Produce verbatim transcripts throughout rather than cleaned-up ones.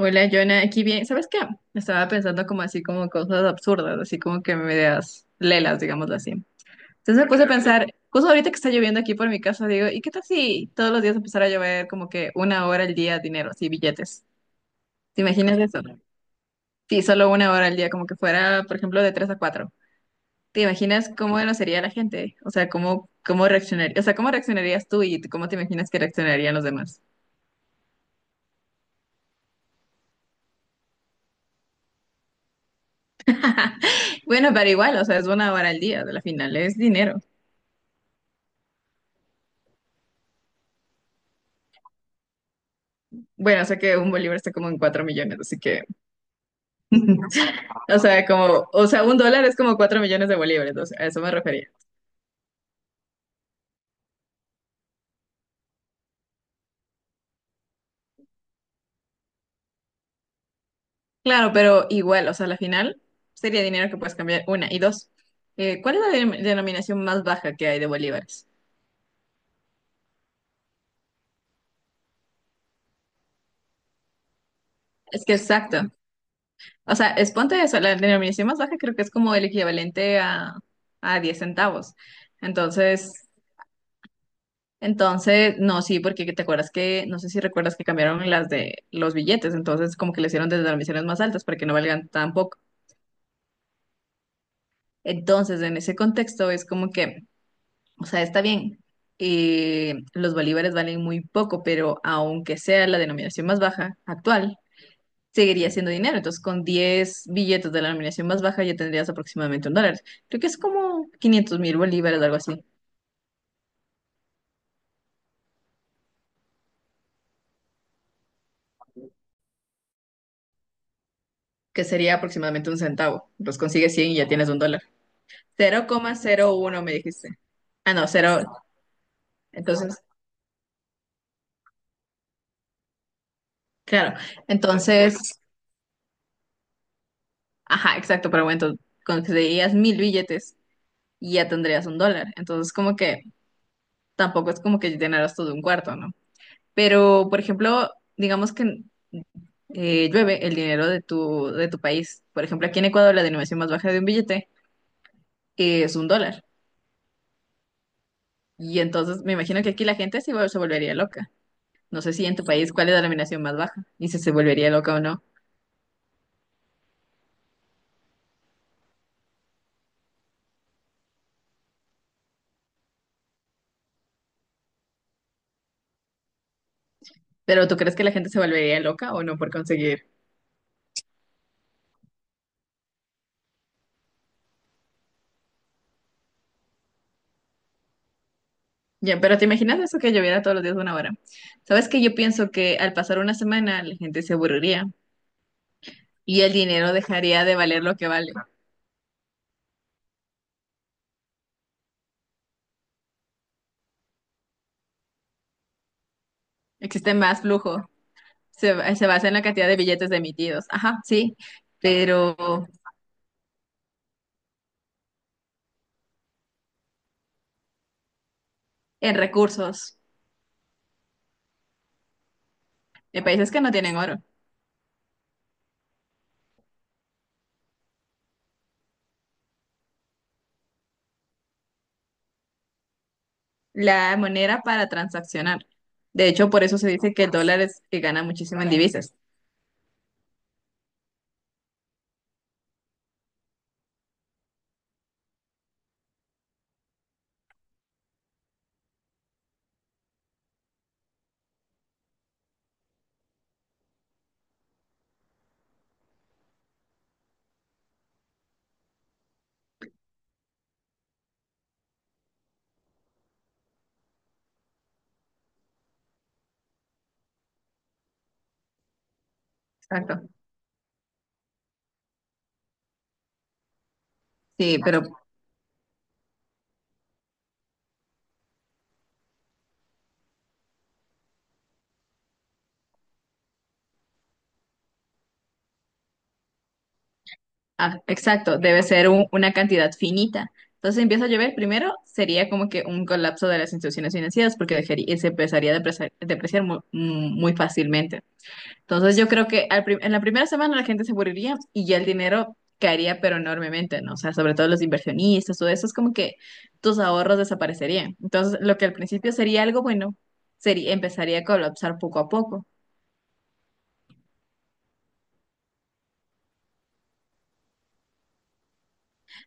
Hola, Jonah, aquí bien. ¿Sabes qué? Estaba pensando como así, como cosas absurdas, así como que medias lelas, digámoslo así. Entonces me puse a pensar, justo ahorita que está lloviendo aquí por mi casa, digo, ¿y qué tal si todos los días empezara a llover como que una hora al día dinero, así, billetes? ¿Te imaginas eso? Sí, solo una hora al día, como que fuera, por ejemplo, de tres a cuatro. ¿Te imaginas cómo no sería la gente? O sea, ¿cómo, cómo reaccionaría? O sea, ¿cómo reaccionarías tú y cómo te imaginas que reaccionarían los demás? Bueno, pero igual, o sea, es una hora al día, de la final es dinero. Bueno, o sea que un bolívar está como en cuatro millones, así que, o sea, como, o sea, un dólar es como cuatro millones de bolívares, entonces a eso me refería. Claro, pero igual, o sea, la final sería dinero que puedes cambiar, una. Y dos, eh, ¿cuál es la denom- denominación más baja que hay de bolívares? Es que exacto, o sea, es ponte eso, la denominación más baja creo que es como el equivalente a, a diez centavos. Entonces, Entonces, no, sí, porque te acuerdas que, no sé si recuerdas que cambiaron las de los billetes, entonces como que le hicieron desde transmisiones más altas para que no valgan tan poco. Entonces, en ese contexto es como que, o sea, está bien, eh, los bolívares valen muy poco, pero aunque sea la denominación más baja actual, seguiría siendo dinero. Entonces, con diez billetes de la denominación más baja ya tendrías aproximadamente un dólar. Creo que es como quinientos mil bolívares, algo así, que sería aproximadamente un centavo. Los consigues cien y ya tienes un dólar. Cero cero coma cero uno me dijiste. Ah, no, cero. Entonces, claro. Entonces, ajá, exacto, pero bueno, entonces conseguirías mil billetes y ya tendrías un dólar. Entonces, como que tampoco es como que llenaras todo un cuarto, ¿no? Pero, por ejemplo, digamos que eh, llueve el dinero de tu, de tu país. Por ejemplo, aquí en Ecuador la denominación más baja de un billete es un dólar. Y entonces me imagino que aquí la gente sí va- se volvería loca. No sé si en tu país cuál es la denominación más baja y si se volvería loca o no. Pero ¿tú crees que la gente se volvería loca o no por conseguir? Ya, pero ¿te imaginas eso que lloviera todos los días una hora? ¿Sabes que yo pienso que al pasar una semana la gente se aburriría y el dinero dejaría de valer lo que vale? Existe más flujo, se, se basa en la cantidad de billetes emitidos, ajá, sí, pero en recursos, en países que no tienen oro, la moneda para transaccionar. De hecho, por eso se dice que el dólar es que gana muchísimo en divisas. Exacto. Sí, pero Ah, exacto, debe ser un- una cantidad finita. Entonces si empieza a llover, primero sería como que un colapso de las instituciones financieras porque dejaría- se empezaría a depreciar, depreciar mu- mu- muy, fácilmente. Entonces yo creo que al prim- en la primera semana la gente se moriría y ya el dinero caería pero enormemente, ¿no? O sea, sobre todo los inversionistas, todo eso es como que tus ahorros desaparecerían. Entonces lo que al principio sería algo bueno, sería, empezaría a colapsar poco a poco.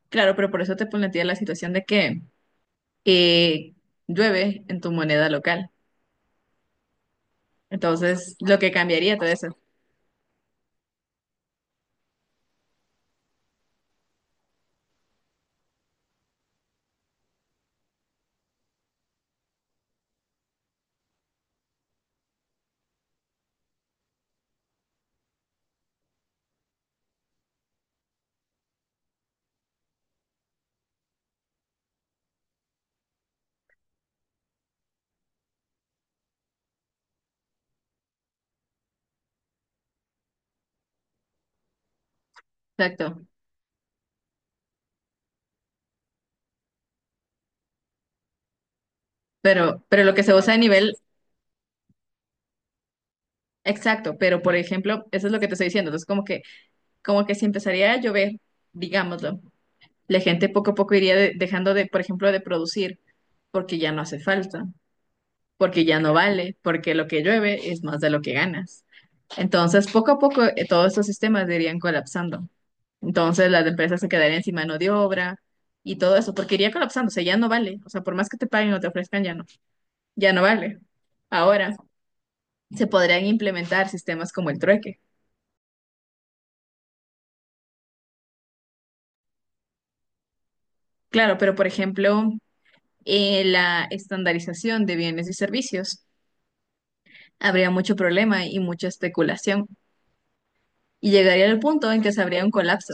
Claro, pero por eso te planteé la situación de que eh, llueve en tu moneda local. Entonces, lo que cambiaría todo eso. Exacto. Pero, pero lo que se usa a nivel. Exacto. Pero, por ejemplo, eso es lo que te estoy diciendo. Entonces, como que, como que si empezaría a llover, digámoslo, la gente poco a poco iría de- dejando de, por ejemplo, de producir porque ya no hace falta, porque ya no vale, porque lo que llueve es más de lo que ganas. Entonces, poco a poco, eh, todos estos sistemas irían colapsando. Entonces las empresas se quedarían sin mano de obra y todo eso, porque iría colapsando, o sea, ya no vale, o sea, por más que te paguen o te ofrezcan, ya no. Ya no vale. Ahora se podrían implementar sistemas como el trueque. Claro, pero por ejemplo, eh, la estandarización de bienes y servicios habría mucho problema y mucha especulación y llegaría al punto en que se habría un colapso.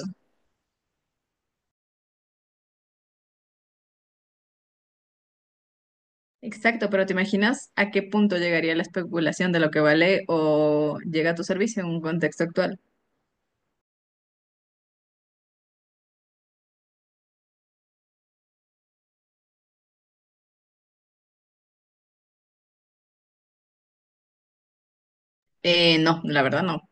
Exacto, pero ¿te imaginas a qué punto llegaría la especulación de lo que vale o llega a tu servicio en un contexto actual? Eh, no, la verdad no,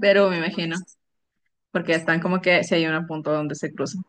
pero me imagino, porque están como que si hay un punto donde se cruzan.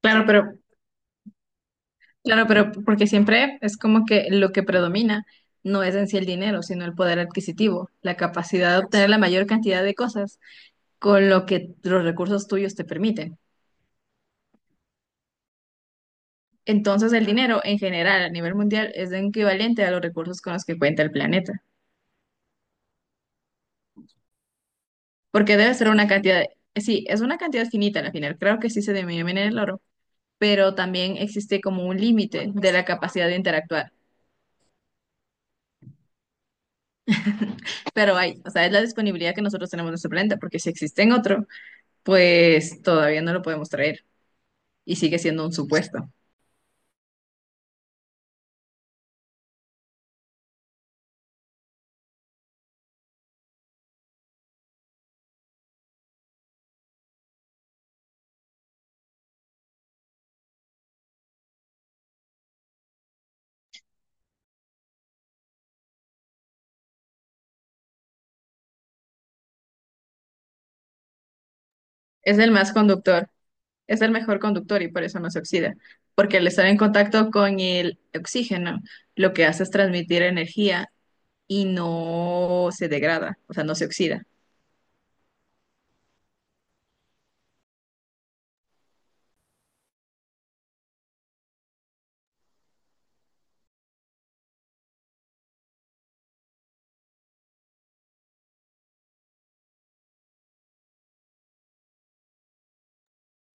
Claro, pero Claro, pero porque siempre es como que lo que predomina no es en sí el dinero, sino el poder adquisitivo, la capacidad de obtener la mayor cantidad de cosas con lo que los recursos tuyos te permiten. Entonces el dinero en general a nivel mundial es equivalente a los recursos con los que cuenta el planeta, porque debe ser una cantidad, sí, es una cantidad finita al final, creo que sí se denomina el oro, pero también existe como un límite de la capacidad de interactuar, pero hay, o sea, es la disponibilidad que nosotros tenemos en nuestro planeta, porque si existe en otro pues todavía no lo podemos traer y sigue siendo un supuesto. Es el más conductor, es el mejor conductor y por eso no se oxida, porque al estar en contacto con el oxígeno, lo que hace es transmitir energía y no se degrada, o sea, no se oxida.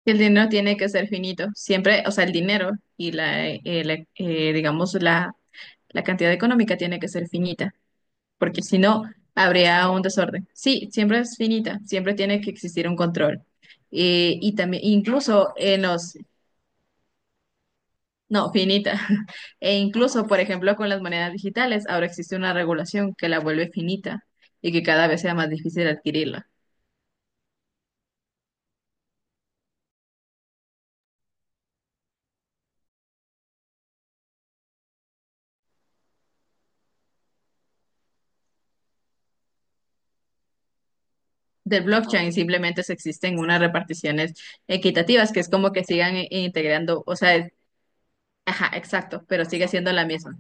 Si el dinero tiene que ser finito, siempre, o sea, el dinero y la, eh, la- eh, digamos, la, la cantidad económica tiene que ser finita. Porque si no, habría un desorden. Sí, siempre es finita, siempre tiene que existir un control. Eh, y también, incluso en los, no, finita, e incluso, por ejemplo, con las monedas digitales, ahora existe una regulación que la vuelve finita y que cada vez sea más difícil adquirirla. Del blockchain simplemente se existen unas reparticiones equitativas, que es como que sigan i- integrando, o sea, es- ajá, exacto, pero sigue siendo la misma.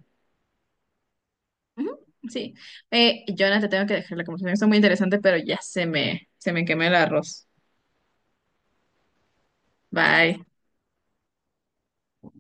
Ujú, sí. Eh, Jonathan, te tengo que dejar la conversación. Está muy interesante, pero ya se me, se me quemó el arroz. Bye.